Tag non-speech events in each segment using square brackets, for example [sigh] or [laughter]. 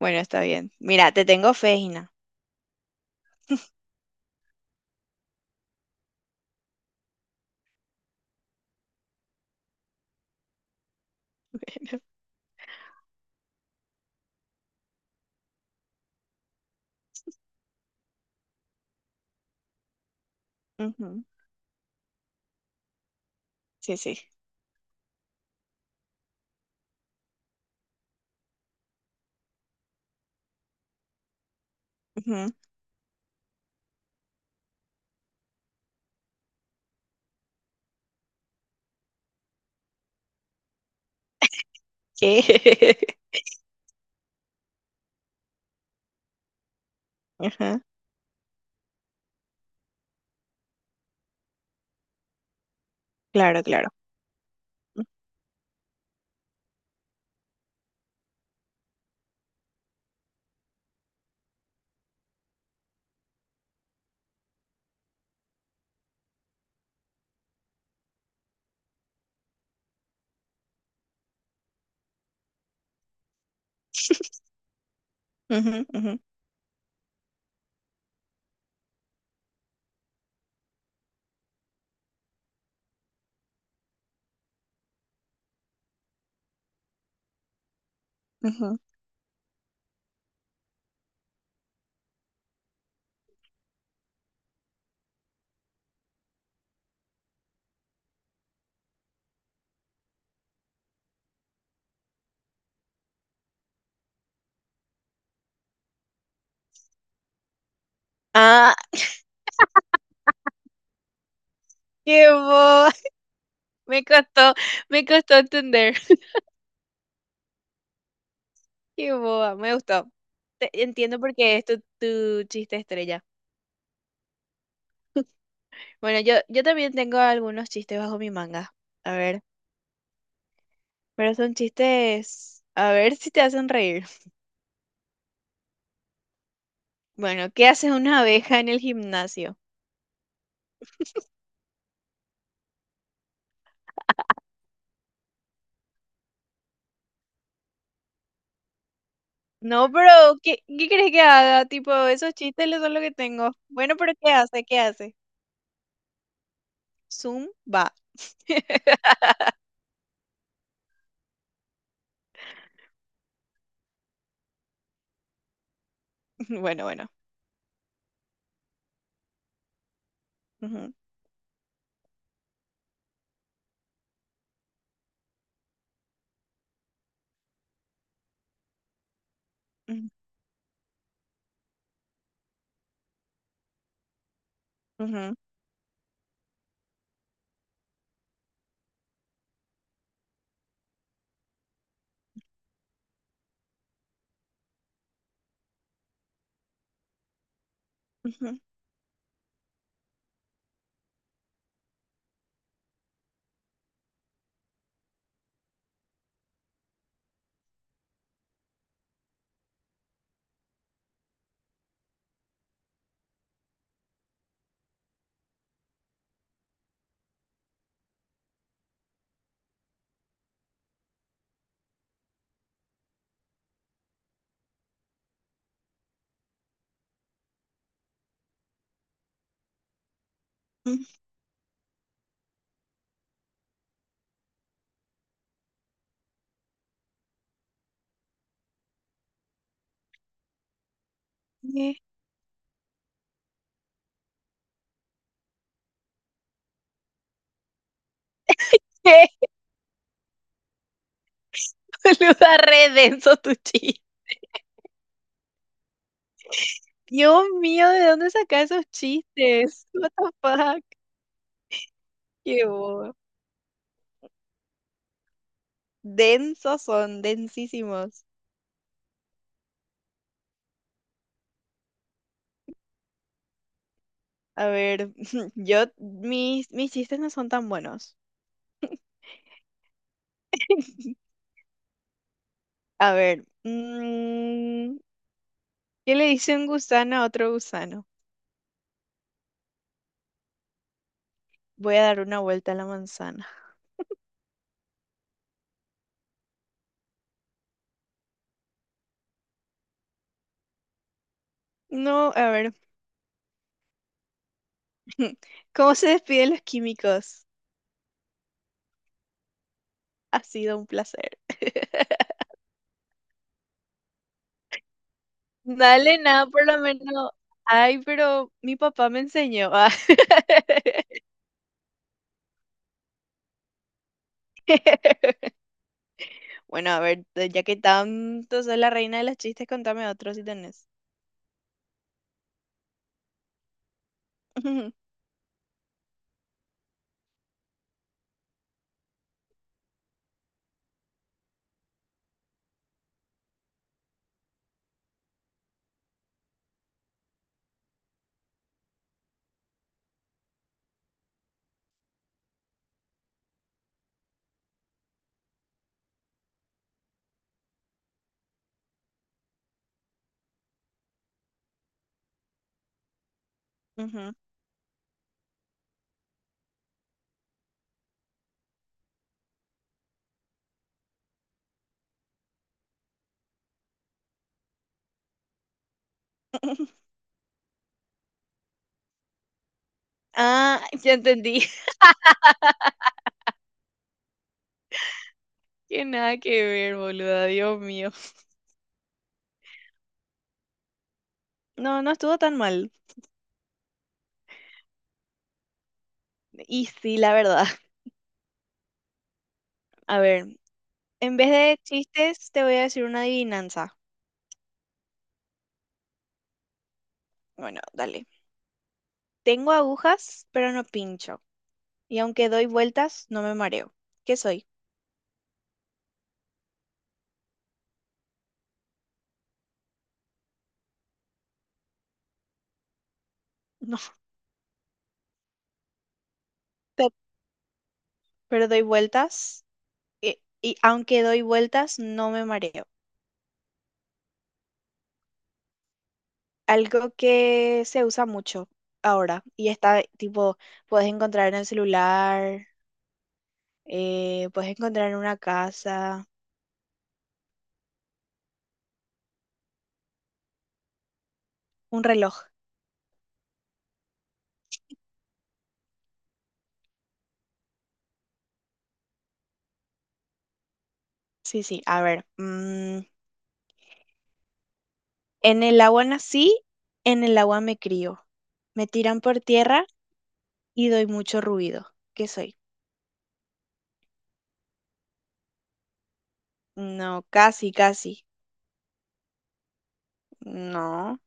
Bueno, está bien. Mira, te tengo fe, Gina. [laughs] Bueno. Ujú. Sí, sí. Ujú. ¿Qué? [laughs] Ajá. Claro, claro. Ujú, ujú, ujú. Ah, qué boba. [laughs] Me costó, me costó entender. [laughs] Qué boba, me gustó. Te- entiendo por qué es tu chiste estrella. Bueno, yo también tengo algunos chistes bajo mi manga. A ver, pero son chistes. A ver si te hacen reír. [laughs] Bueno, ¿qué hace una abeja en el gimnasio? No, pero ¿qué crees que haga? Tipo, esos chistes lo- son lo que tengo. Bueno, pero ¿qué hace? ¿Qué hace? Zoom va. [laughs] Bueno, bueno. Ujú, ujú, ujú, ujú, ujú. Eh, eh, [laughs] Boluda, re denso tu chiste. Dios mío, ¿de dónde sacas esos chistes? What the fuck? Qué bobo. Densos son, densísimos. A ver, [laughs] yo, mis chistes no son tan buenos. [laughs] A ver, ¿qué le dice un gusano a otro gusano? Voy a dar una vuelta a la manzana. No, a ver, [laughs] ¿cómo se despiden los químicos? Ha sido un placer. [laughs] Dale, nada, por lo menos. Ay, pero mi papá me enseñó. Ah. [laughs] Bueno, a ver, ya que tanto soy la reina de los chistes, contame otro si tenés. [laughs] Ujú. Ah, ya entendí. [laughs] Que nada que ver, boluda, Dios mío. No, no estuvo tan mal. Y sí, la verdad. A ver, en vez de chistes, te voy a decir una adivinanza. Bueno, dale. Tengo agujas, pero no pincho. Y aunque doy vueltas, no me mareo. ¿Qué soy? [laughs] No, te- pero doy vueltas. Y aunque doy vueltas, no me mareo. Algo que se usa mucho ahora. Y está, tipo, puedes encontrar en el celular. Puedes encontrar una casa, un reloj. Sí, sí, a ver. En el agua nací, en el agua me crío. Me tiran por tierra y doy mucho ruido. ¿Qué soy? No, casi, casi. No,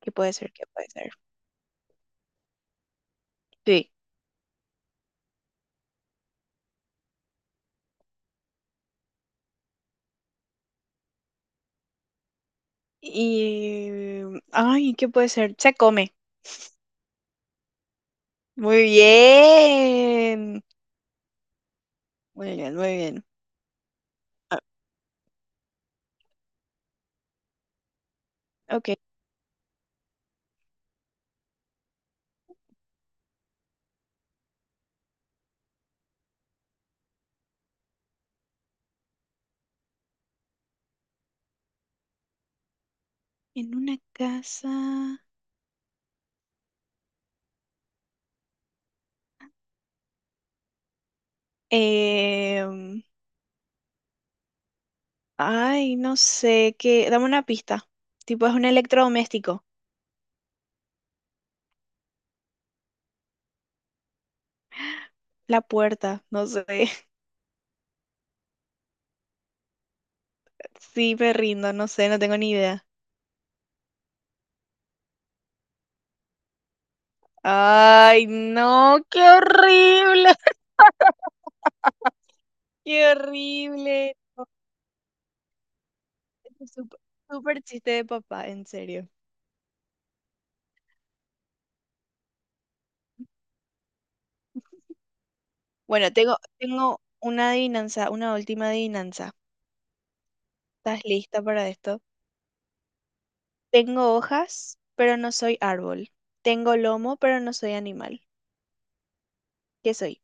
¿qué puede ser? ¿Qué puede ser? Sí. Y... Ay, ¿qué puede ser? Se come. Muy bien. Muy bien, muy bien. Ah, ok. En una casa. em, Ay, no sé, qué. Dame una pista. Tipo, es un electrodoméstico. La puerta, no sé. [laughs] Sí, me rindo, no sé, no tengo ni idea. Ay, no, qué horrible, [laughs] qué horrible. Este es Súper súper chiste de papá, en serio. Bueno, tengo una adivinanza, una última adivinanza. ¿Estás lista para esto? Tengo hojas, pero no soy árbol. Tengo lomo, pero no soy animal. ¿Qué soy?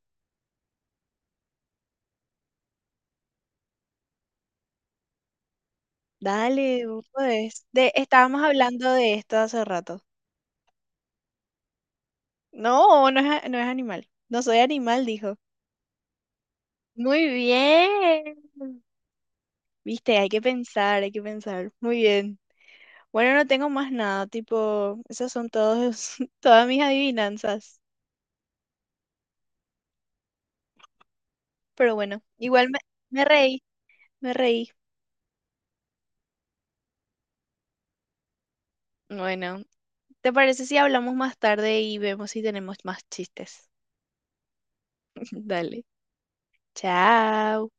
Dale, vos De, estábamos hablando de esto hace rato. No, no es, a- no es animal. No soy animal, dijo. Muy bien. Viste, hay que pensar, hay que pensar. Muy bien. Bueno, no tengo más nada, tipo, esas son todos, [laughs] todas mis adivinanzas. Pero bueno, igual me, me reí, me reí. Bueno, ¿te parece si hablamos más tarde y vemos si tenemos más chistes? [laughs] Dale. Chao.